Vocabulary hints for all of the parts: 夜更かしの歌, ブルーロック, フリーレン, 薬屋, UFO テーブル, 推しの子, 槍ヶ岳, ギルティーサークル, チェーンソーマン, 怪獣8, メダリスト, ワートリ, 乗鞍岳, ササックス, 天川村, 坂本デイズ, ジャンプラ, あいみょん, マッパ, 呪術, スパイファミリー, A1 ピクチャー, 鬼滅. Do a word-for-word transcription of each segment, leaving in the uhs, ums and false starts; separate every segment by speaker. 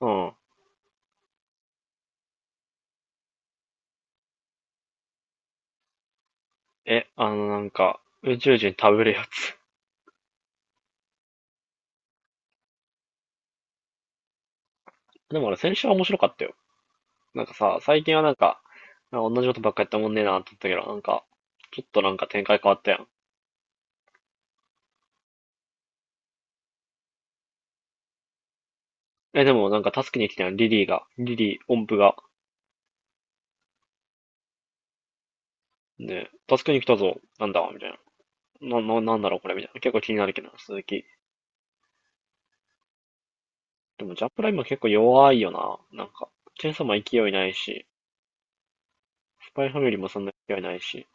Speaker 1: うん。え、あのなんか、宇宙人食べるやつ。でもあれ先週は面白かったよ。なんかさ、最近はなんか、なんか同じことばっかやったもんねえなとて言ったけど、なんか、ちょっとなんか展開変わったやん。え、でもなんか助けに来たやん、リリーが。リリー、音符が。ね、助けに来たぞ。なんだみたいな。な、な、なんだろうこれみたいな。結構気になるけどな、鈴木。でもジャンプラ今結構弱いよな。なんか、チェーンソーマン勢いないし、スパイファミリーもそんな勢いないし、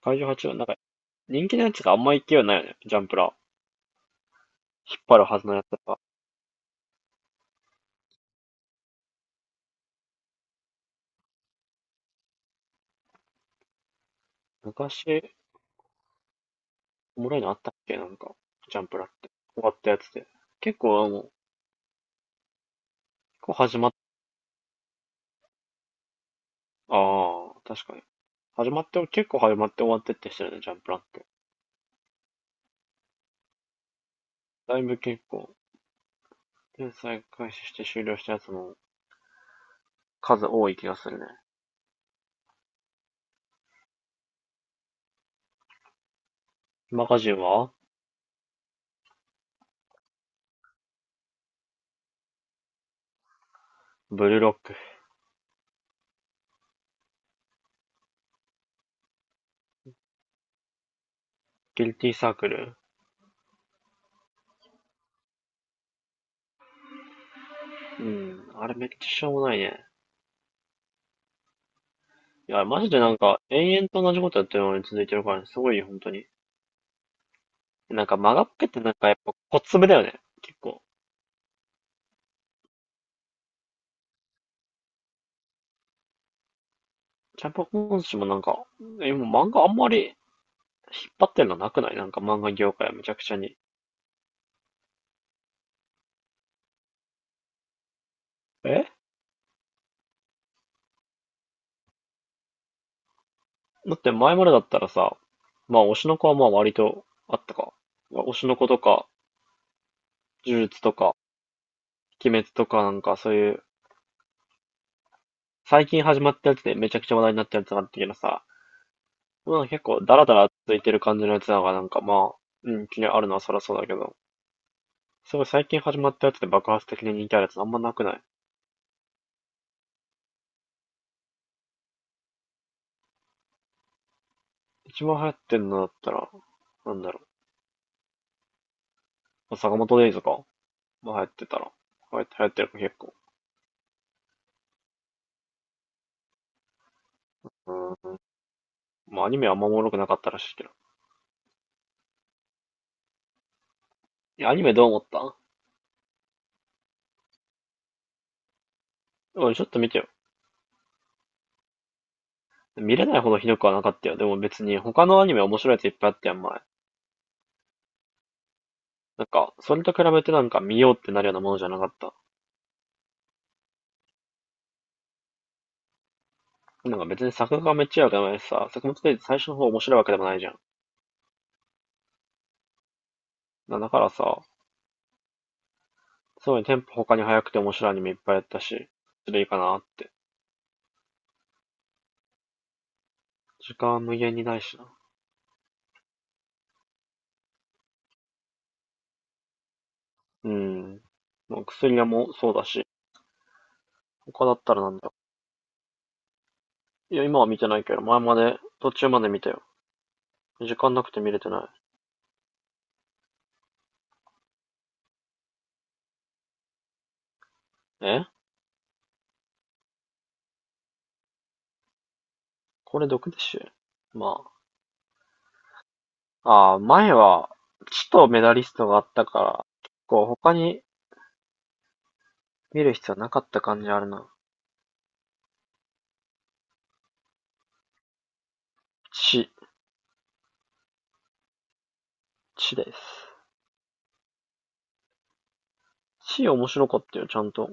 Speaker 1: 怪獣はちはなんか、人気のやつがあんま勢いないよね、ジャンプラ。引っ張るはずのやつが。昔、おもろいのあったっけなんか、ジャンプラって。終わったやつで。結構、あの、結構始まっ、ああ、確かに。始まって、結構始まって終わってってしてるね、ジャンプラって。だいぶ結構、連載開始して終了したやつの数多い気がするね。マガジンはブルーロック。ギルティーサークル。うん、あれめっちゃしょうもないね。いや、マジでなんか、延々と同じことやってるのに続いてるからね、すごいよ、本当に。なんか、マガっぺってなんかやっぱ、小粒だよね。結構。キャパ今週もなんか、今漫画あんまり引っ張ってんのなくない？なんか漫画業界はめちゃくちゃに。えだって前までだったらさ、まあ推しの子はまあ割とあったか。推しの子とか、呪術とか、鬼滅とかなんかそういう、最近始まったやつでめちゃくちゃ話題になったやつがあったけどさ、まあ結構ダラダラついてる感じのやつだからなんかまあ、うん、気にあるのはそりゃそうだけど、すごい最近始まったやつで爆発的に人気あるやつあんまなくない？一番流行ってんのだったら、なんだろう、坂本デイズか。まあ流行ってたら。流行って、流行ってるか結構。うん。まあアニメはあんまおもろくなかったらしいけど。いや、アニメどう思った？俺ちょっと見てよ。見れないほどひどくはなかったよ。でも別に他のアニメ面白いやついっぱいあったやん、前。なんか、それと比べてなんか見ようってなるようなものじゃなかった。なんか別に作画がめっちゃ良くないしさ、作物で最初の方面白いわけでもないじゃん。なだからさ、すごいテンポ他に早くて面白いアニメいっぱいやったし、それいいかなって。時間は無限にないしな。うん。もう薬屋もそうだし、他だったらなんだよ。いや、今は見てないけど、前まで、途中まで見たよ。時間なくて見れてない。えこれ毒でしょ？まあ。ああ、前は、ちとメダリストがあったから、結構他に見る必要なかった感じあるな。ち、ちです。ち面白かったよ、ちゃんと。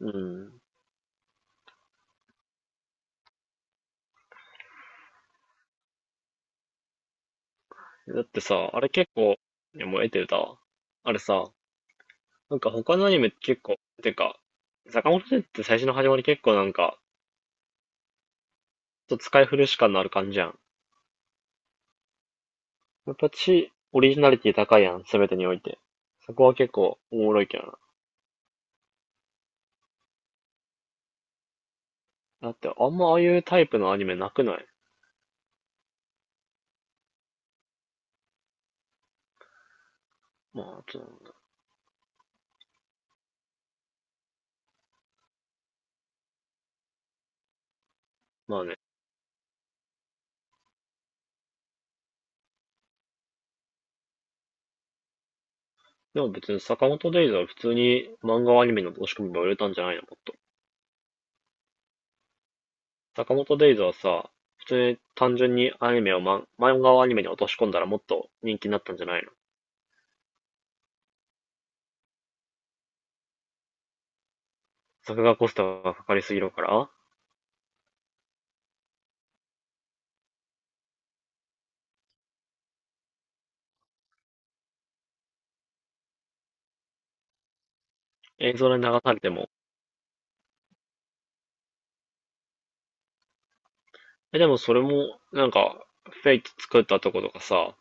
Speaker 1: うん。だってさ、あれ結構、いや、もう得てるだ。あれさ、なんか他のアニメって結構、てか、坂本先生って最初の始まり結構なんか、ちょっと使い古し感のある感じやん。やっぱち、オリジナリティ高いやん、すべてにおいて。そこは結構おもろいけどな。だって、あんまああいうタイプのアニメなくない？まあ、ちょまあね。でも別に坂本デイズは普通に漫画をアニメの押し込みば売れたんじゃないの？もっと。坂本デイズはさ、普通に単純にアニメをま漫画をアニメに落とし込んだらもっと人気になったんじゃないの？作画コストがかかりすぎるから映像で流されても。え、でもそれも、なんか、フェイク作ったとことかさ、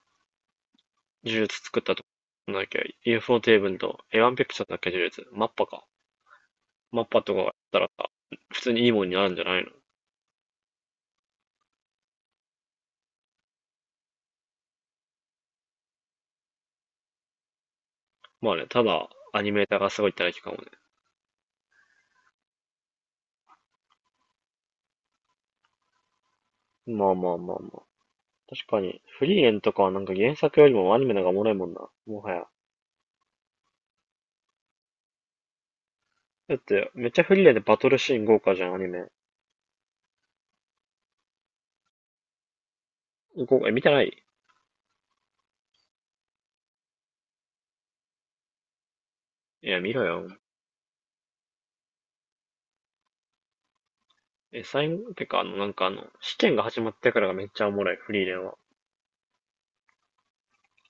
Speaker 1: 呪術作ったとこなんだっけ ?ユーフォー テーブルと エーワン ピクチャーだっけ呪術マッパか。マッパとかやったらさ、普通にいいもんになるんじゃないの？まあね、ただ、アニメーターがすごいってだけかもね。まあまあまあまあ。確かに、フリーレンとかはなんか原作よりもアニメの方がおもろいもんな。もはや。だって、めっちゃフリーレンでバトルシーン豪華じゃん、アニメ。豪華、え、見てない？いや、見ろよ。え、最後、てか、あの、なんかあの、試験が始まってからがめっちゃおもろい、フリーレンは。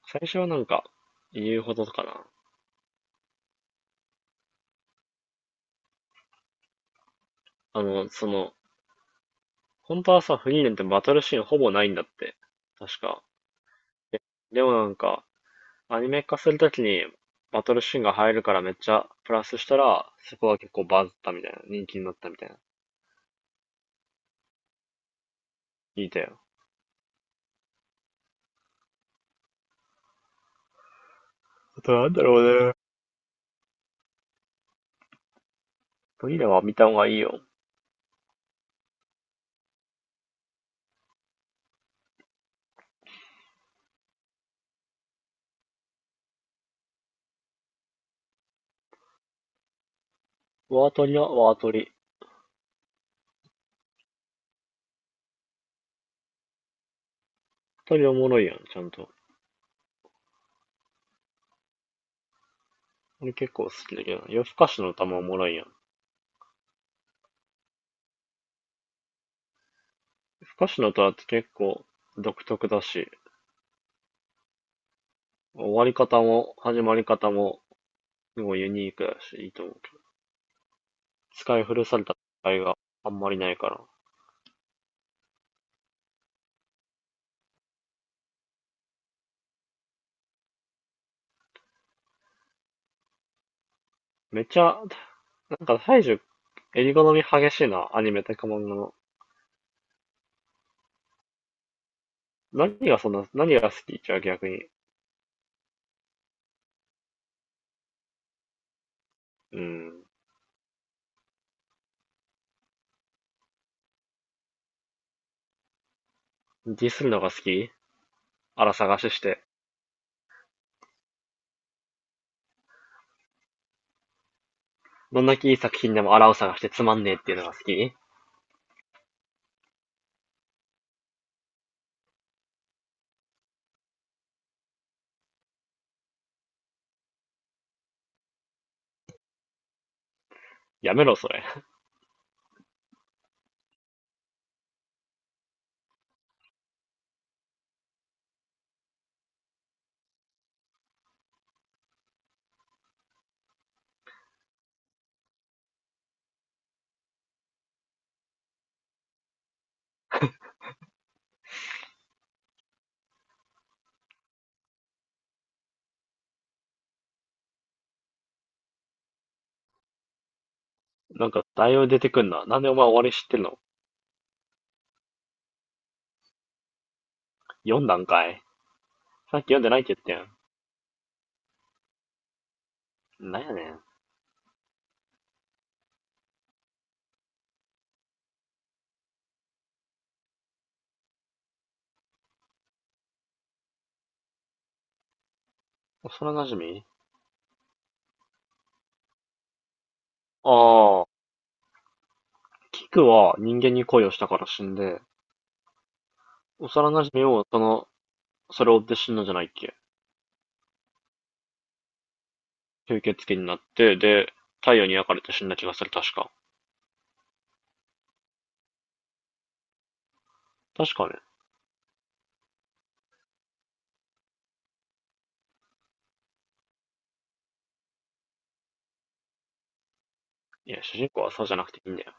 Speaker 1: 最初はなんか、言うほどかな。あの、その、本当はさ、フリーレンってバトルシーンほぼないんだって。確か。で、でもなんか、アニメ化するときにバトルシーンが入るからめっちゃプラスしたら、そこは結構バズったみたいな。人気になったみたいな。聞いたよ。あとなんだろうね。フリーレンは見た方がいいよ。ワートリはワートリ。ワートリおもろいやん、ちゃんと。俺結構好きだけどな。夜更かしの歌もおもろいやん。夜更かしの歌って結構独特だし、終わり方も始まり方もすごいユニークだし、いいと思う使い古された使いがあんまりないから。めちゃ、なんか大樹、襟好み激しいな、アニメとか漫画の。何がそんな、何が好きじゃあ逆に。うん。ディスるのが好き？あら探しして。どんだけいい作品でもあらを探してつまんねえっていうのが好き？やめろ、それ。なんか、だいぶ出てくんな。なんでお前終わり知ってんの？読んだんかい？さっき読んでないって言ってん。なんやねん。幼馴染？ああ、キクは人間に恋をしたから死んで、幼馴染をそのそれを追って死んだんじゃないっけ？吸血鬼になって、で、太陽に焼かれて死んだ気がする、確か。確かね。いや、主人公はそうじゃなくていいんだよ。